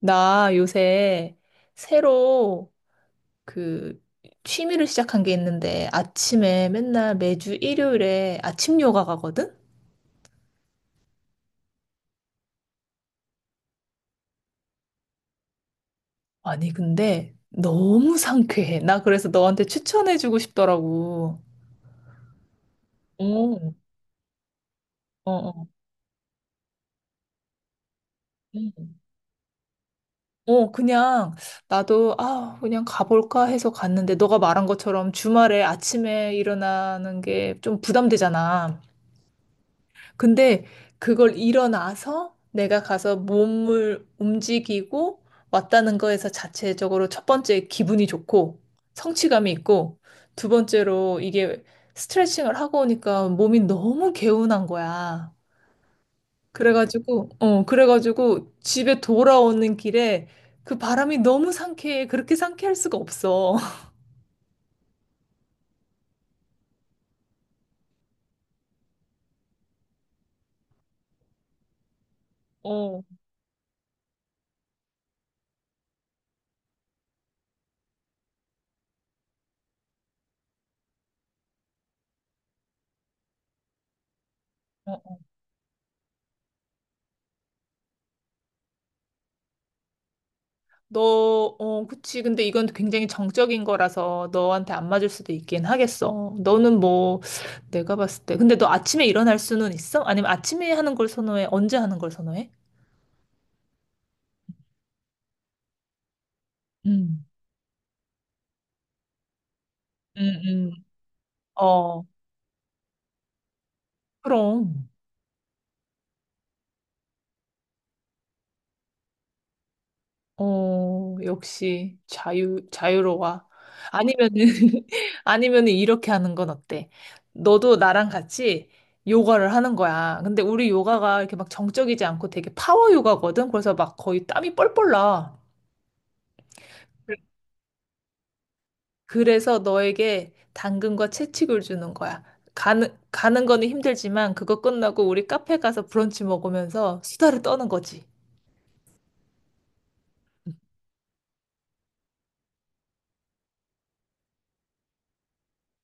나 요새 새로 그 취미를 시작한 게 있는데 아침에 맨날 매주 일요일에 아침 요가 가거든? 아니, 근데 너무 상쾌해. 나 그래서 너한테 추천해주고 싶더라고. 오, 어, 어. 음. 어, 그냥 나도 그냥 가볼까 해서 갔는데 너가 말한 것처럼 주말에 아침에 일어나는 게 좀 부담되잖아. 근데 그걸 일어나서 내가 가서 몸을 움직이고 왔다는 거에서 자체적으로 첫 번째 기분이 좋고 성취감이 있고 두 번째로 이게 스트레칭을 하고 오니까 몸이 너무 개운한 거야. 그래가지고 집에 돌아오는 길에 그 바람이 너무 상쾌해. 그렇게 상쾌할 수가 없어. 어, 어. 그치. 근데 이건 굉장히 정적인 거라서 너한테 안 맞을 수도 있긴 하겠어. 너는 뭐, 내가 봤을 때. 근데 너 아침에 일어날 수는 있어? 아니면 아침에 하는 걸 선호해? 언제 하는 걸 선호해? 음, 음, 음. 어, 그럼. 어, 역시 자유로워. 아니면은, 아니면은 이렇게 하는 건 어때? 너도 나랑 같이 요가를 하는 거야. 근데 우리 요가가 이렇게 막 정적이지 않고 되게 파워 요가거든? 그래서 막 거의 땀이 뻘뻘 나. 그래서 너에게 당근과 채찍을 주는 거야. 가는 거는 힘들지만 그거 끝나고 우리 카페 가서 브런치 먹으면서 수다를 떠는 거지.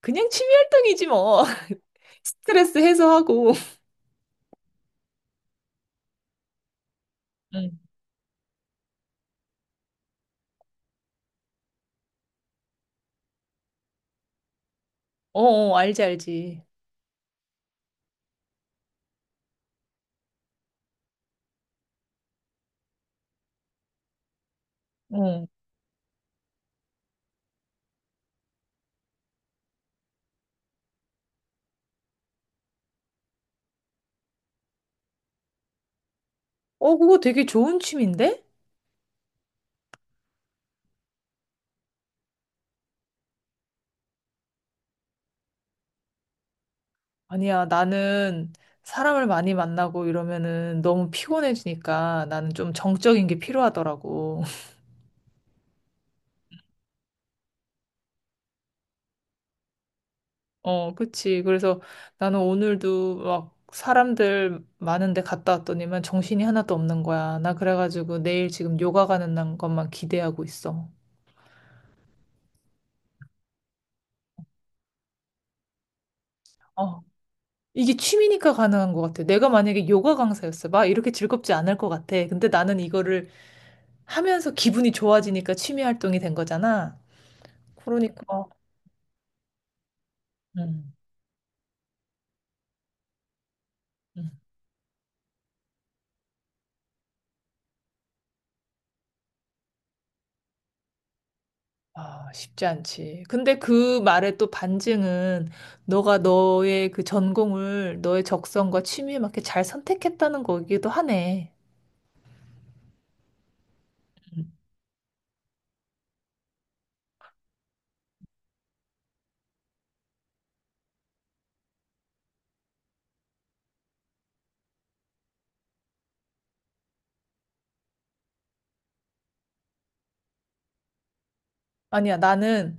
그냥 취미 활동이지 뭐. 스트레스 해소하고. 어, 어, 알지, 알지. 어. 어, 그거 되게 좋은 취미인데? 아니야, 나는 사람을 많이 만나고 이러면은 너무 피곤해지니까 나는 좀 정적인 게 필요하더라고. 어, 그치. 그래서 나는 오늘도 막 사람들 많은데 갔다 왔더니만 정신이 하나도 없는 거야. 나 그래가지고 내일 지금 요가 가는 날 것만 기대하고 있어. 어. 이게 취미니까 가능한 것 같아. 내가 만약에 요가 강사였어. 막 이렇게 즐겁지 않을 것 같아. 근데 나는 이거를 하면서 기분이 좋아지니까 취미 활동이 된 거잖아. 그러니까 음, 음. 아, 쉽지 않지. 근데 그 말의 또 반증은 너가 너의 그 전공을 너의 적성과 취미에 맞게 잘 선택했다는 거기도 하네. 아니야, 나는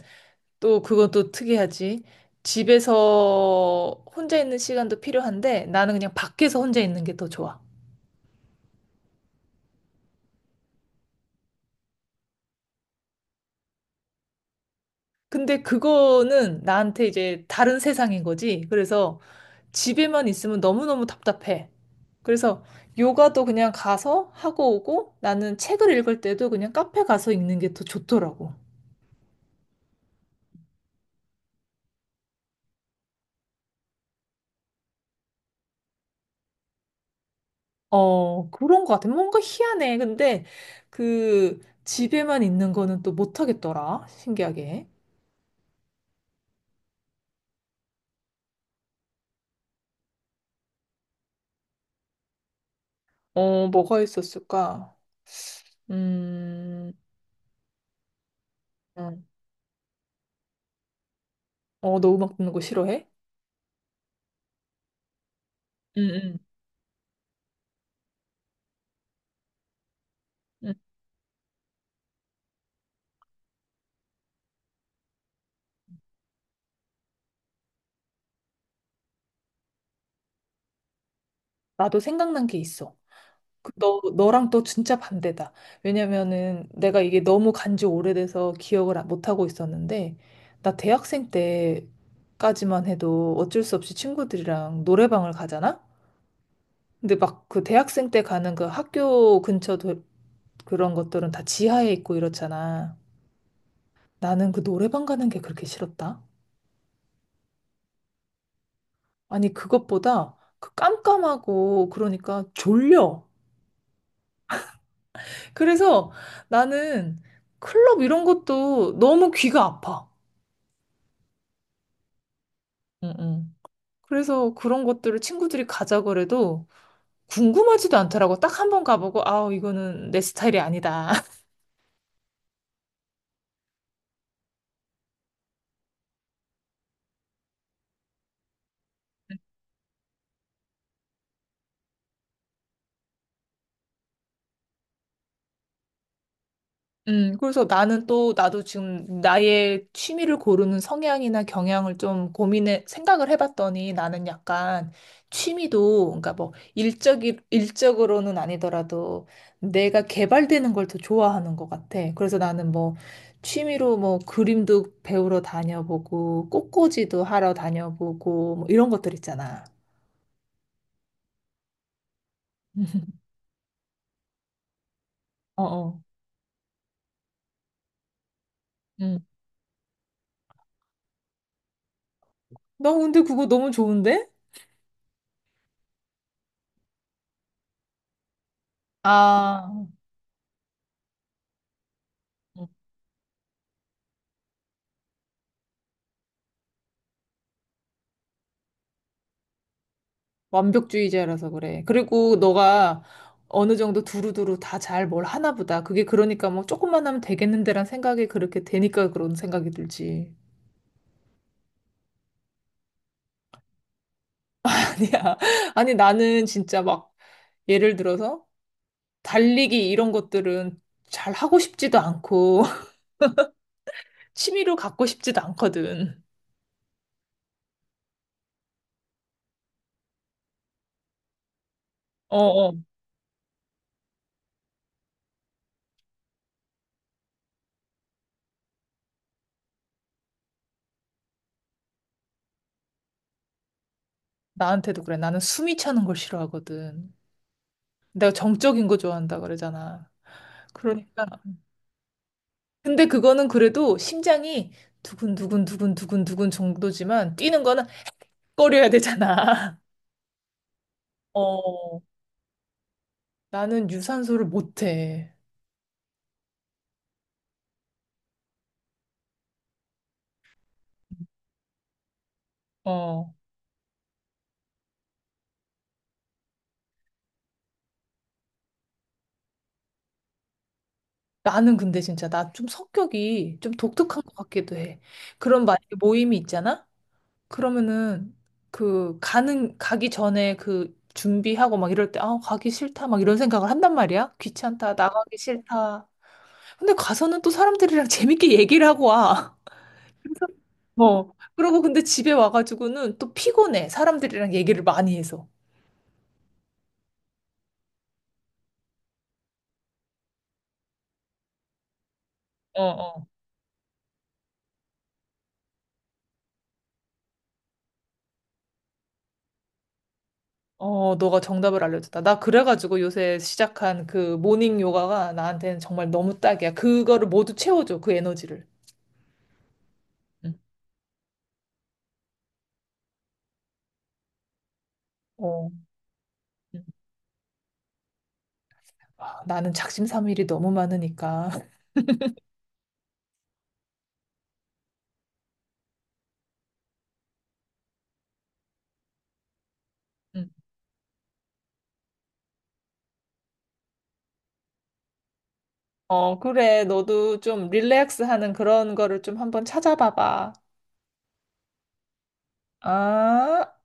또 그건 또 특이하지. 집에서 혼자 있는 시간도 필요한데 나는 그냥 밖에서 혼자 있는 게 더 좋아. 근데 그거는 나한테 이제 다른 세상인 거지. 그래서 집에만 있으면 너무너무 답답해. 그래서 요가도 그냥 가서 하고 오고 나는 책을 읽을 때도 그냥 카페 가서 읽는 게 더 좋더라고. 어, 그런 것 같아. 뭔가 희한해. 근데 그 집에만 있는 거는 또 못하겠더라. 신기하게. 어, 뭐가 있었을까? 음, 음. 어, 너 음악 듣는 거 싫어해? 응, 응. 응. 나도 생각난 게 있어. 너랑 또 진짜 반대다. 왜냐면은 내가 이게 너무 간지 오래돼서 기억을 못하고 있었는데, 나 대학생 때까지만 해도 어쩔 수 없이 친구들이랑 노래방을 가잖아? 근데 막 그 대학생 때 가는 그 학교 근처 도, 그런 것들은 다 지하에 있고 이렇잖아. 나는 그 노래방 가는 게 그렇게 싫었다. 아니, 그것보다 그 깜깜하고 그러니까 졸려. 그래서 나는 클럽 이런 것도 너무 귀가 아파. 응, 응. 그래서 그런 것들을 친구들이 가자고 래도 궁금하지도 않더라고. 딱 한번 가보고, 아, 이거는 내 스타일이 아니다. 그래서 나도 지금 나의 취미를 고르는 성향이나 경향을 좀 생각을 해봤더니 나는 약간 취미도, 그러니까 뭐, 일적으로는 아니더라도 내가 개발되는 걸 더 좋아하는 것 같아. 그래서 나는 뭐, 취미로 뭐, 그림도 배우러 다녀보고, 꽃꽂이도 하러 다녀보고, 뭐, 이런 것들 있잖아. 어어. 음. 나 근데 그거 너무 좋은데? 아. 완벽주의자라서 그래. 그리고 너가 어느 정도 두루두루 다 잘 뭘 하나 보다. 그게 그러니까 뭐 조금만 하면 되겠는데란 생각이 그렇게 되니까 그런 생각이 들지. 아니야. 아니, 나는 진짜 막 예를 들어서 달리기 이런 것들은 잘 하고 싶지도 않고 취미로 갖고 싶지도 않거든. 어, 어. 나한테도 그래. 나는 숨이 차는 걸 싫어하거든. 내가 정적인 거 좋아한다 그러잖아. 그러니까 근데 그거는 그래도 심장이 두근두근 두근두근 두근 정도지만 뛰는 거는 꺼려야 되잖아. 어, 나는 유산소를 못해. 어, 나는 근데 진짜 나 좀 성격이 좀 독특한 것 같기도 해. 그런 만약에 모임이 있잖아? 그러면은 그 가는 가기 전에 그 준비하고 막 이럴 때 아, 가기 싫다 막 이런 생각을 한단 말이야. 귀찮다, 나가기 싫다. 근데 가서는 또 사람들이랑 재밌게 얘기를 하고 와. 어. 그러고 근데 집에 와가지고는 또 피곤해. 사람들이랑 얘기를 많이 해서. 어, 어. 어, 너가 정답을 알려줬다. 나 그래가지고 요새 시작한 그 모닝 요가가 나한테는 정말 너무 딱이야. 그거를 모두 채워줘, 그 에너지를. 응, 어. 응, 아, 나는 작심삼일이 너무 많으니까. 응. 어, 그래. 너도 좀 릴렉스 하는 그런 거를 좀 한번 찾아봐봐. 아.